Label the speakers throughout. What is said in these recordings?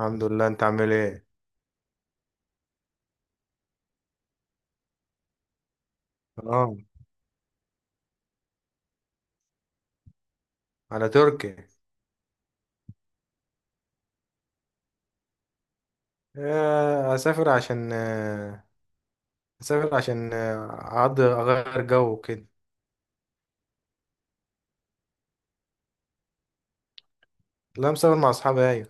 Speaker 1: الحمد لله، انت عامل ايه؟ اه. على تركي. اسافر عشان اقضي اغير جو كده. لا، مسافر مع اصحابي، ايوه.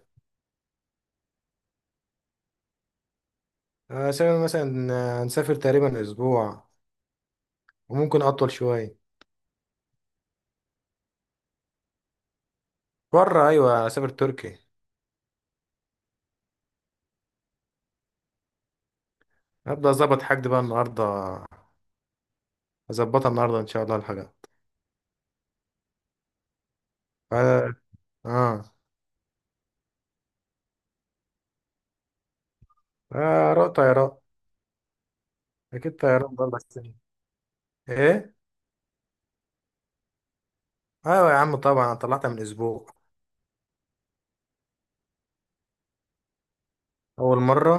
Speaker 1: اسافر مثلا هنسافر تقريبا اسبوع، وممكن اطول شويه. بره، ايوه، اسافر تركي. هبدا اظبط حاجتي بقى النهارده، اظبطها النهارده ان شاء الله الحاجه. اه. اه. رأي طيران. اكيد طيران بره بس. ايه. ايوه يا عم، طبعا انا طلعتها من اسبوع. اول مره.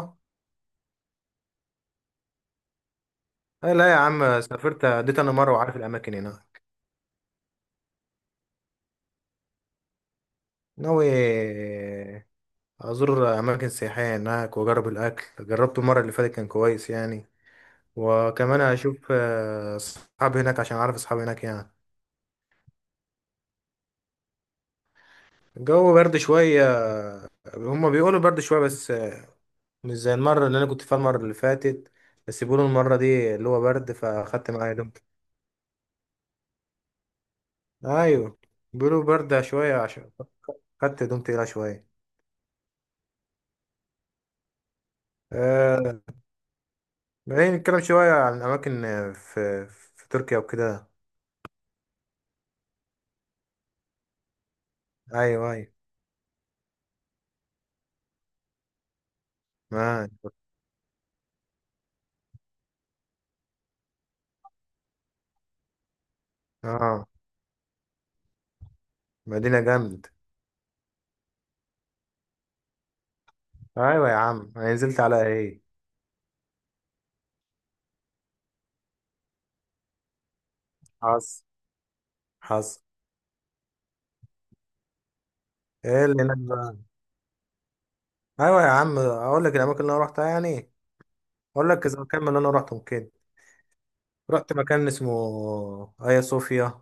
Speaker 1: أه، لا يا عم، سافرت اديت انا مره وعارف الاماكن هناك. ناوي ازور اماكن سياحيه هناك واجرب الاكل، جربته المره اللي فاتت كان كويس يعني. وكمان اشوف اصحابي هناك عشان اعرف اصحابي هناك يعني. الجو برد شويه، هما بيقولوا برد شويه بس، مش زي المره اللي انا كنت فيها المره اللي فاتت. بس بيقولوا المره دي اللي هو برد، فاخدت معايا هدوم. ايوه، بيقولوا برد شويه، عشان خدت هدوم تقيله شويه. آه، بعدين نتكلم شوية عن أماكن في تركيا وكده. أيوة أيوة. معاك. آه، مدينة جامد. أيوة يا عم، أنا نزلت على إيه. حصل، حصل. إيه اللي هناك بقى؟ أيوة يا عم، أقول لك الأماكن اللي أنا روحتها يعني. أقول لك إذا مكان من اللي أنا روحتهم كده. رحت مكان اسمه آيا صوفيا.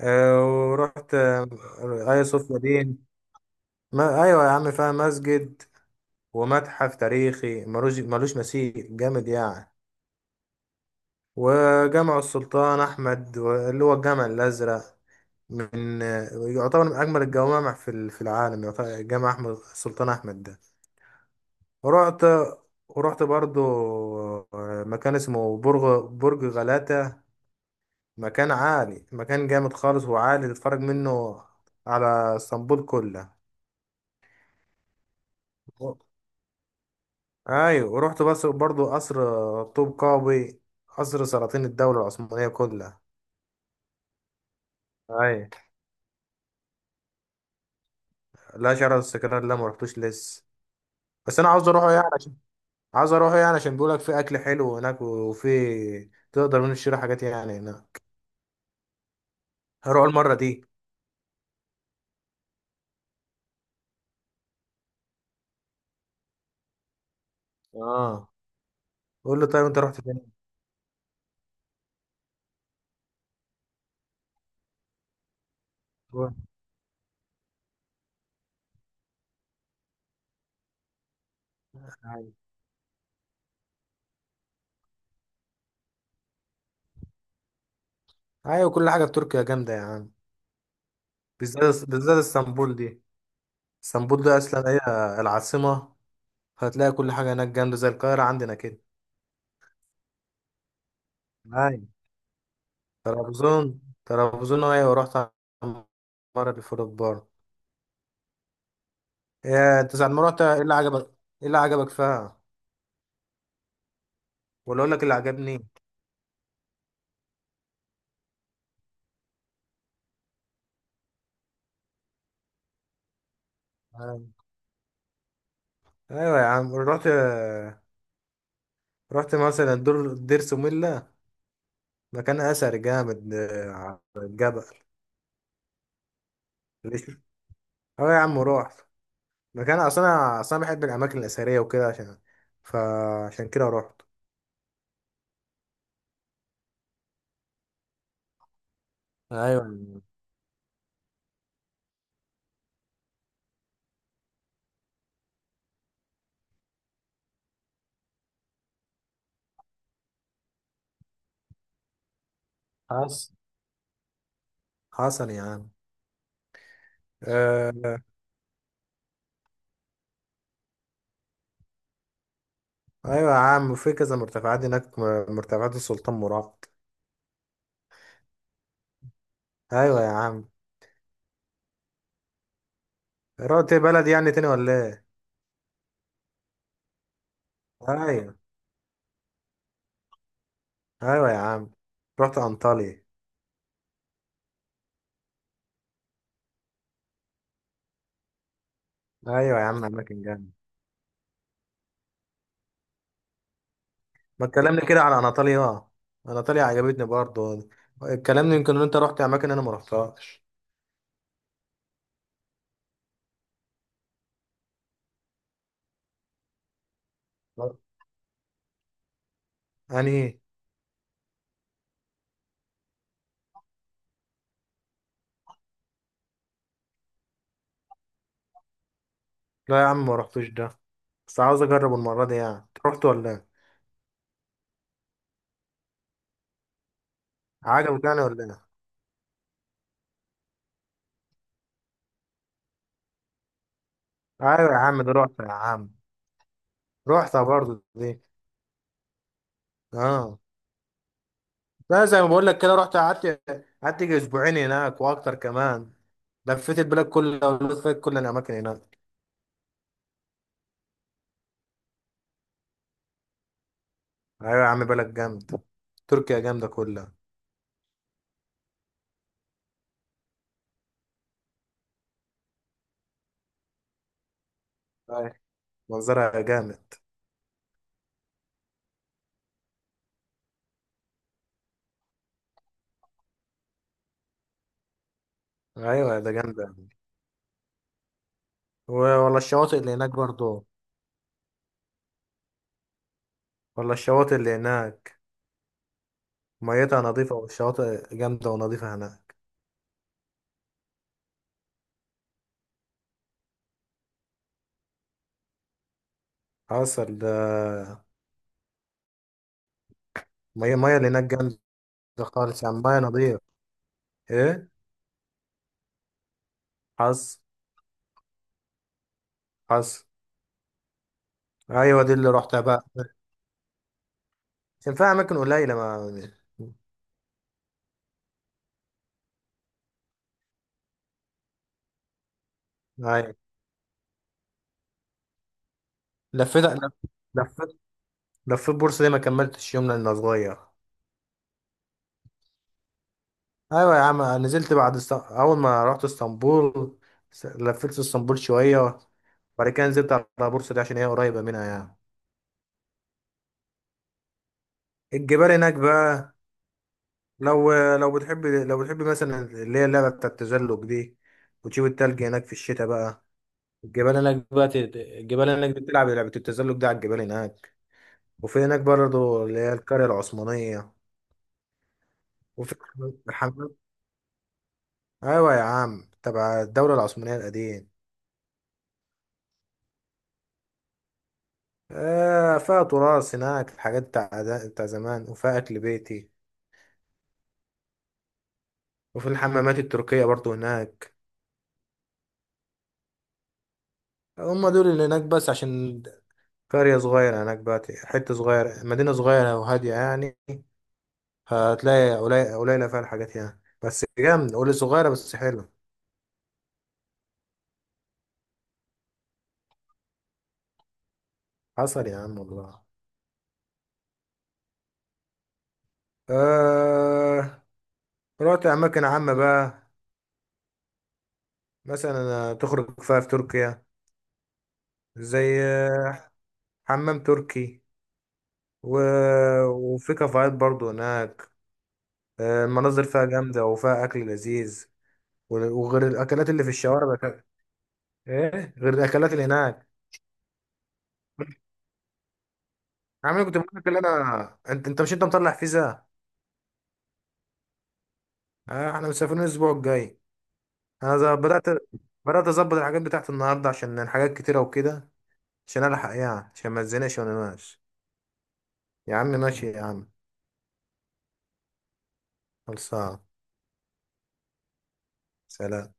Speaker 1: آه، ورحت آيا صوفيا دي، ما أيوة يا عم فيها مسجد ومتحف تاريخي ملوش ملوش مثيل، جامد يعني. وجامع السلطان أحمد اللي هو الجامع الأزرق، من يعتبر من أجمل الجوامع في العالم، يعتبر جامع أحمد السلطان أحمد ده. ورحت ورحت برضو مكان اسمه برج، برج غلاتة، مكان عالي، مكان جامد خالص وعالي، تتفرج منه على اسطنبول كلها. أيوة ورحت بس برضو قصر طوب قابي، قصر سلاطين الدولة العثمانية كلها. أيوة، لا، شرع الاستقلال لا، مرحتوش لسه. بس انا عاوز اروحه يعني عشان، عاوز اروحه يعني عشان بيقولك في اكل حلو هناك، وفي تقدر من تشتري حاجات يعني هناك. هروح المره دي. اه، قول له طيب انت رحت فين. ايوه. أيوة، كل حاجه في تركيا جامده يا عم. بالذات بالذات اسطنبول دي، اسطنبول دي اصلا هي العاصمه. هتلاقي كل حاجه هناك جامده، زي القاهره عندنا كده. ايوه، طرابزون طرابزون، ايوه رحت المره اللي فاتت برضه. إيه، انت ساعة ما رحت، ايه اللي عجبك؟ ايه اللي عجبك فيها؟ ولا اقول لك اللي عجبني؟ ايوه يا عم رحت، رحت مثلا دور دير سوميلا، مكان اثر جامد على الجبل. ليش؟ اه يا عم رحت، مكان اصلا، انا اصلا بحب الاماكن الاثريه وكده، عشان فعشان كده رحت. ايوه يا عم. حصل، حصل يا عم. آه، ايوه يا عم، في كذا مرتفعات هناك، مرتفعات السلطان مراد. ايوه يا عم. رحت بلد يعني تاني ولا ايه؟ ايوه، ايوه يا عم، رحت انطاليا. ايوه يا عم، اماكن جامده. ما اتكلمنا كده على اناطوليا، اه، اناطوليا عجبتني برضه. اتكلمنا، يمكن ان انت رحت اماكن انا ما رحتهاش. لا. يعني إيه؟ لا يا عم ما رحتوش ده. بس عاوز اجرب المره دي يعني، أنت رحت ولا ايه؟ عجبك يعني ولا ايه؟ ايوه يا عم ده، رحت يا عم. رحتها برضه دي. اه. لا، زي ما بقول لك كده، رحت قعدت، قعدت يجي اسبوعين هناك واكتر كمان. لفيت البلاد كلها ولفيت كل الاماكن هناك. ايوه يا عم، بلد جامد، تركيا جامده كلها. أيوة، منظرها جامد. ايوه ده جامده. ولا الشواطئ اللي هناك برضو، ولا الشواطئ اللي هناك، ميتها نظيفة والشواطئ جامدة ونظيفة هناك. حصل ده. مية مية اللي هناك جامدة، خالص يعني مية نظيف. ايه. حصل. حصل. ايوه دي اللي رحتها بقى، كان فيها اماكن قليلة. ما ايوه. لفيت لف- لفيت لفيت بورصة دي، ما كملتش يوم لأني صغير. ايوه يا عم، نزلت بعد اول ما رحت اسطنبول، لفيت اسطنبول شوية، وبعد كده نزلت على بورصة دي عشان هي قريبة منها يعني. الجبال هناك بقى، لو بتحب، مثلا اللي هي اللعبة بتاع التزلج دي، وتشوف التلج هناك في الشتاء بقى. الجبال هناك بقى، الجبال هناك بتلعب لعبة التزلج ده على الجبال هناك. وفي هناك برضه اللي هي القرية العثمانية، وفي الحمام. أيوة يا عم، تبع الدولة العثمانية القديم. فيها تراث هناك، الحاجات بتاع زمان، وفيها أكل بيتي، وفي الحمامات التركية برضه هناك. هم دول اللي هناك بس، عشان قرية صغيرة هناك بقى، حتة صغيرة، مدينة صغيرة وهادية يعني. هتلاقي قليلة قليلة فيها الحاجات يعني، بس جامد، قولي صغيرة بس حلوة. حصل يا عم والله. آه... رحت أماكن عامة بقى، مثلا تخرج فيها في تركيا، زي حمام تركي، و... وفي كافيهات برضو هناك. المناظر فيها جامدة وفيها أكل لذيذ، و- وغير الأكلات اللي في الشوارع بقى. إيه غير الأكلات اللي هناك؟ يا عم، أنا كنت بقول لك اللي انا، انت مش انت مطلع فيزا. آه، احنا مسافرين الاسبوع الجاي. انا بدات اظبط الحاجات بتاعت النهارده، عشان الحاجات كتيره وكده، عشان الحق يعني، عشان ما تزنقش وانا ماشي. يا عم ماشي يا عم. خلصان. سلام.